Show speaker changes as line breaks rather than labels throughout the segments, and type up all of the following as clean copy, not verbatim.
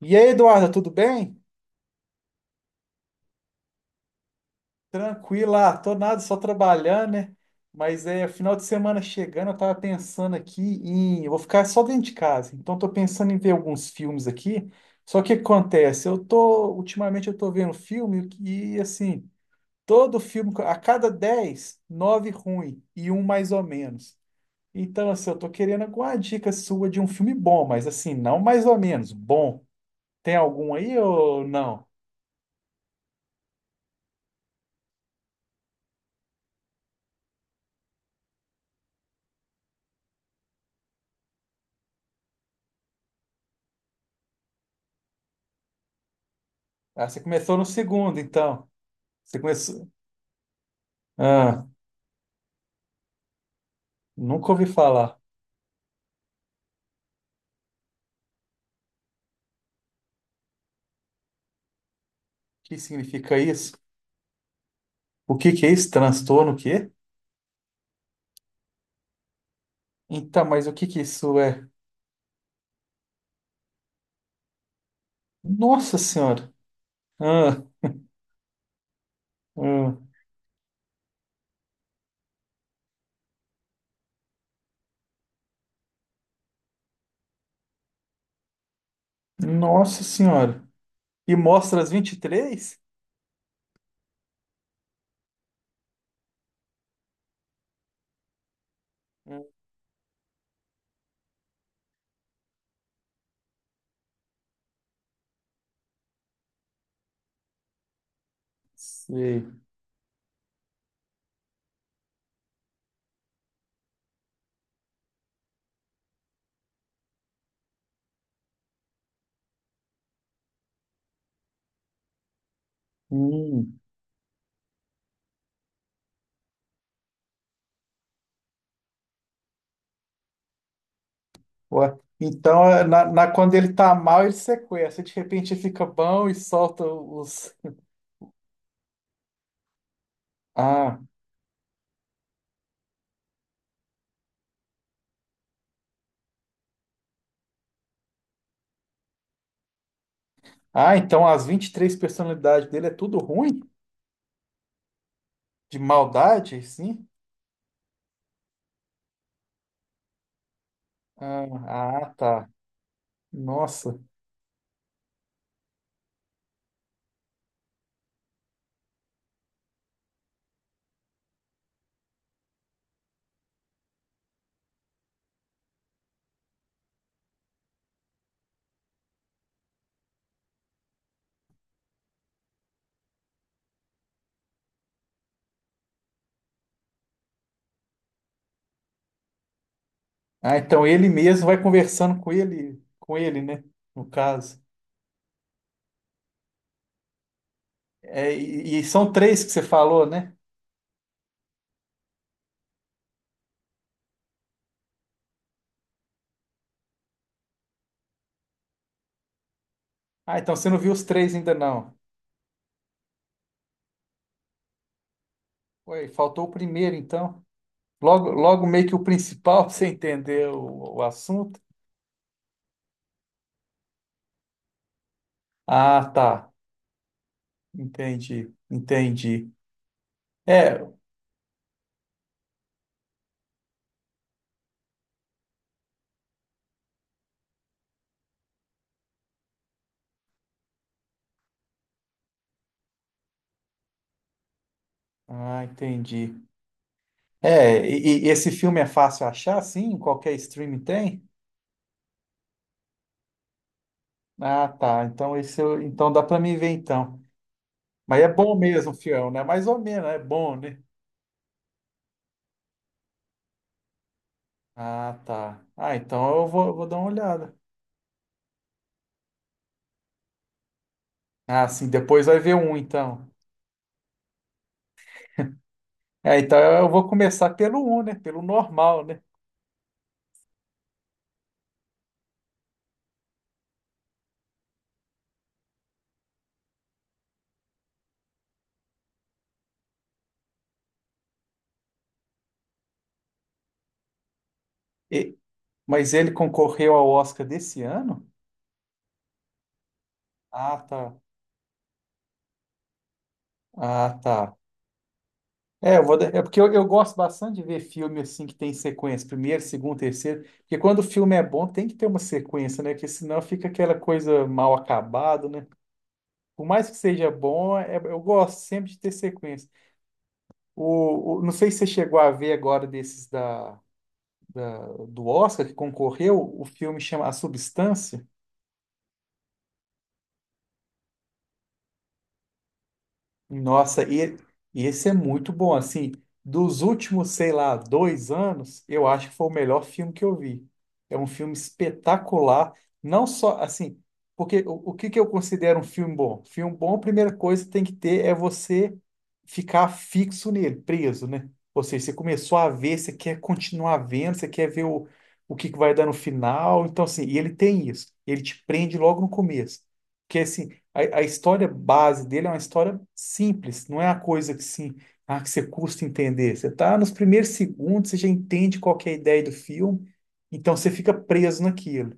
E aí, Eduarda, tudo bem? Tranquila, tô nada, só trabalhando, né? Mas é final de semana chegando, eu tava pensando aqui em. Eu vou ficar só dentro de casa, então tô pensando em ver alguns filmes aqui. Só que o que acontece? Eu tô. Ultimamente eu tô vendo filme e, assim, todo filme, a cada 10, 9 ruim e um mais ou menos. Então, assim, eu tô querendo alguma dica sua de um filme bom, mas assim, não mais ou menos, bom. Tem algum aí ou não? Ah, você começou no segundo, então. Você começou. Ah, nunca ouvi falar. O que significa isso? O que que é isso? Transtorno o quê? Então, mas o que que isso é? Nossa Senhora! Ah, ah, nossa Senhora! E mostra as 23? Não sei. Hum, ué. Então, quando ele tá mal, ele sequestra. De repente, ele fica bom e solta os. Ah, ah, então as 23 personalidades dele é tudo ruim? De maldade, sim? Ah, ah, tá. Nossa. Ah, então ele mesmo vai conversando com ele, né? No caso. É, e são três que você falou, né? Ah, então você não viu os três ainda não. Ué, faltou o primeiro, então. Logo, logo meio que o principal pra você entender o assunto. Ah, tá. Entendi, entendi. É, ah, entendi. É, e esse filme é fácil achar, sim? Qualquer streaming tem? Ah, tá. Então esse, então dá pra mim ver então. Mas é bom mesmo, fiel, né? Mais ou menos, é bom, né? Ah, tá. Ah, então eu vou dar uma olhada. Ah, sim, depois vai ver um, então. É, então eu vou começar pelo um, né? Pelo normal, né? E- mas ele concorreu ao Oscar desse ano? Ah, tá. Ah, tá. É porque eu gosto bastante de ver filme assim que tem sequência, primeiro, segundo, terceiro, porque quando o filme é bom tem que ter uma sequência, né? Porque senão fica aquela coisa mal acabada, né? Por mais que seja bom, eu gosto sempre de ter sequência. Não sei se você chegou a ver agora desses do Oscar que concorreu, o filme chama A Substância. Nossa, e esse é muito bom, assim, dos últimos, sei lá, dois anos, eu acho que foi o melhor filme que eu vi. É um filme espetacular, não só, assim, porque o que que eu considero um filme bom? Filme bom, a primeira coisa que tem que ter é você ficar fixo nele, preso, né? Ou seja, você começou a ver, você quer continuar vendo, você quer ver o que que vai dar no final, então, assim, e ele tem isso, ele te prende logo no começo. Porque, assim, a história base dele é uma história simples, não é a coisa que sim, ah, que você custa entender. Você está nos primeiros segundos, você já entende qual que é a ideia do filme, então você fica preso naquilo.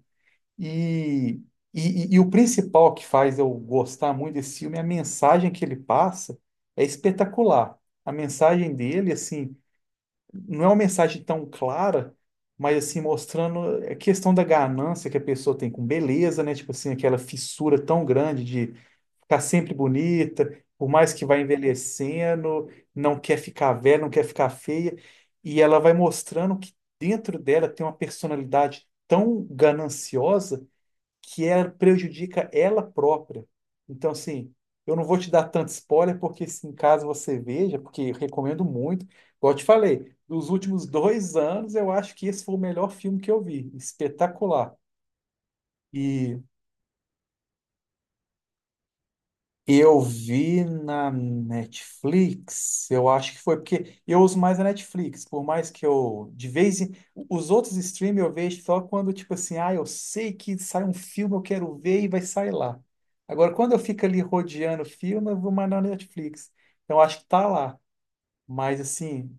E, e, e o principal que faz eu gostar muito desse filme é a mensagem que ele passa, é espetacular. A mensagem dele, assim, não é uma mensagem tão clara, mas assim, mostrando a questão da ganância que a pessoa tem com beleza, né? Tipo assim, aquela fissura tão grande de ficar sempre bonita, por mais que vá envelhecendo, não quer ficar velha, não quer ficar feia, e ela vai mostrando que dentro dela tem uma personalidade tão gananciosa que ela prejudica ela própria. Então, assim, eu não vou te dar tanto spoiler, porque se em caso você veja, porque eu recomendo muito, igual eu te falei, dos últimos dois anos, eu acho que esse foi o melhor filme que eu vi, espetacular. E Eu vi na Netflix, eu acho que foi, porque eu uso mais a Netflix, por mais que eu, de vez em, os outros streams eu vejo só quando, tipo assim, ah, eu sei que sai um filme, eu quero ver e vai sair lá. Agora, quando eu fico ali rodeando filme, eu vou mais na Netflix. Então, eu acho que tá lá. Mas, assim,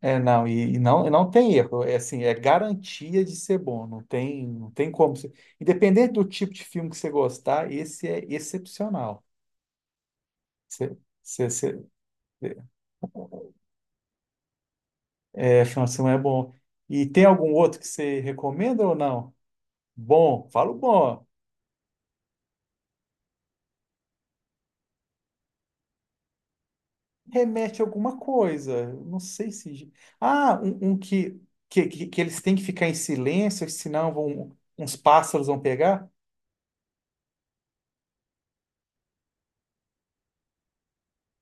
é, e não tem erro, é assim, é garantia de ser bom, não tem, não tem como. Independente do tipo de filme que você gostar, esse é excepcional. Cê, cê, cê, é, final de semana é bom. E tem algum outro que você recomenda ou não? Bom, falo bom. Remete a alguma coisa. Não sei se. Ah, um que, que eles têm que ficar em silêncio, senão vão, uns pássaros vão pegar?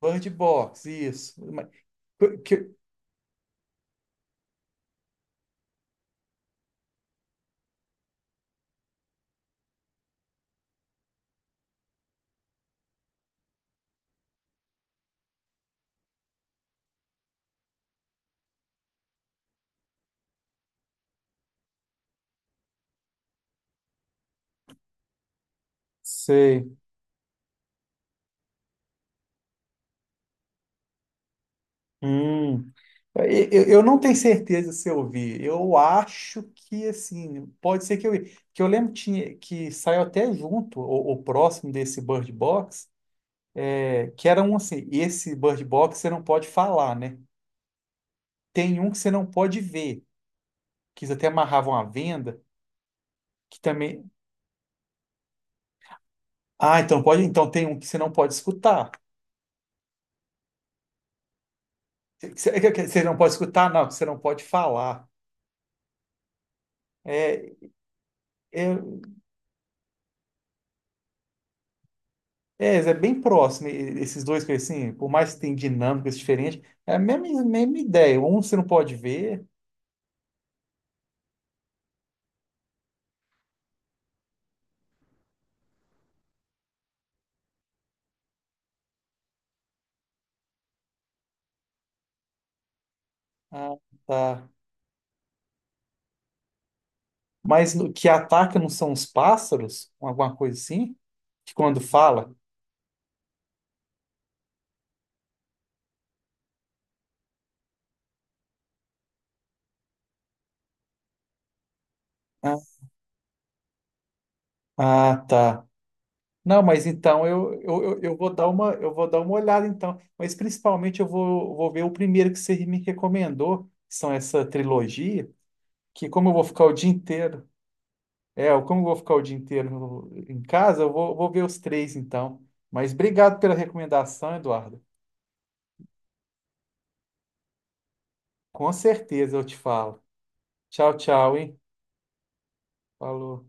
Bird box, isso. Que, que- Sei. Hum. Eu, eu não tenho certeza se eu vi. Eu acho que, assim, pode ser que eu vi. Que eu lembro tinha, que saiu até junto, ou próximo desse Bird Box, é, que era um assim, esse Bird Box você não pode falar, né? Tem um que você não pode ver, que eles até amarravam a venda, que também... Ah, então pode, então tem um que você não pode escutar. Que você não pode escutar, não, que você não pode falar. É, é, É, é bem próximo, esses dois que assim, por mais que tenham dinâmicas diferentes, é a mesma, mesma ideia. Um você não pode ver, ah, tá. Mas que ataca não são os pássaros, um, alguma coisa assim, que quando fala, ah, ah, tá. Não, mas então eu vou dar uma, eu vou dar uma olhada então. Mas principalmente vou ver o primeiro que você me recomendou, que são essa trilogia, que como eu vou ficar o dia inteiro. Como eu vou ficar o dia inteiro em casa, vou ver os três então. Mas obrigado pela recomendação, Eduardo. Com certeza eu te falo. Tchau, tchau, hein? Falou.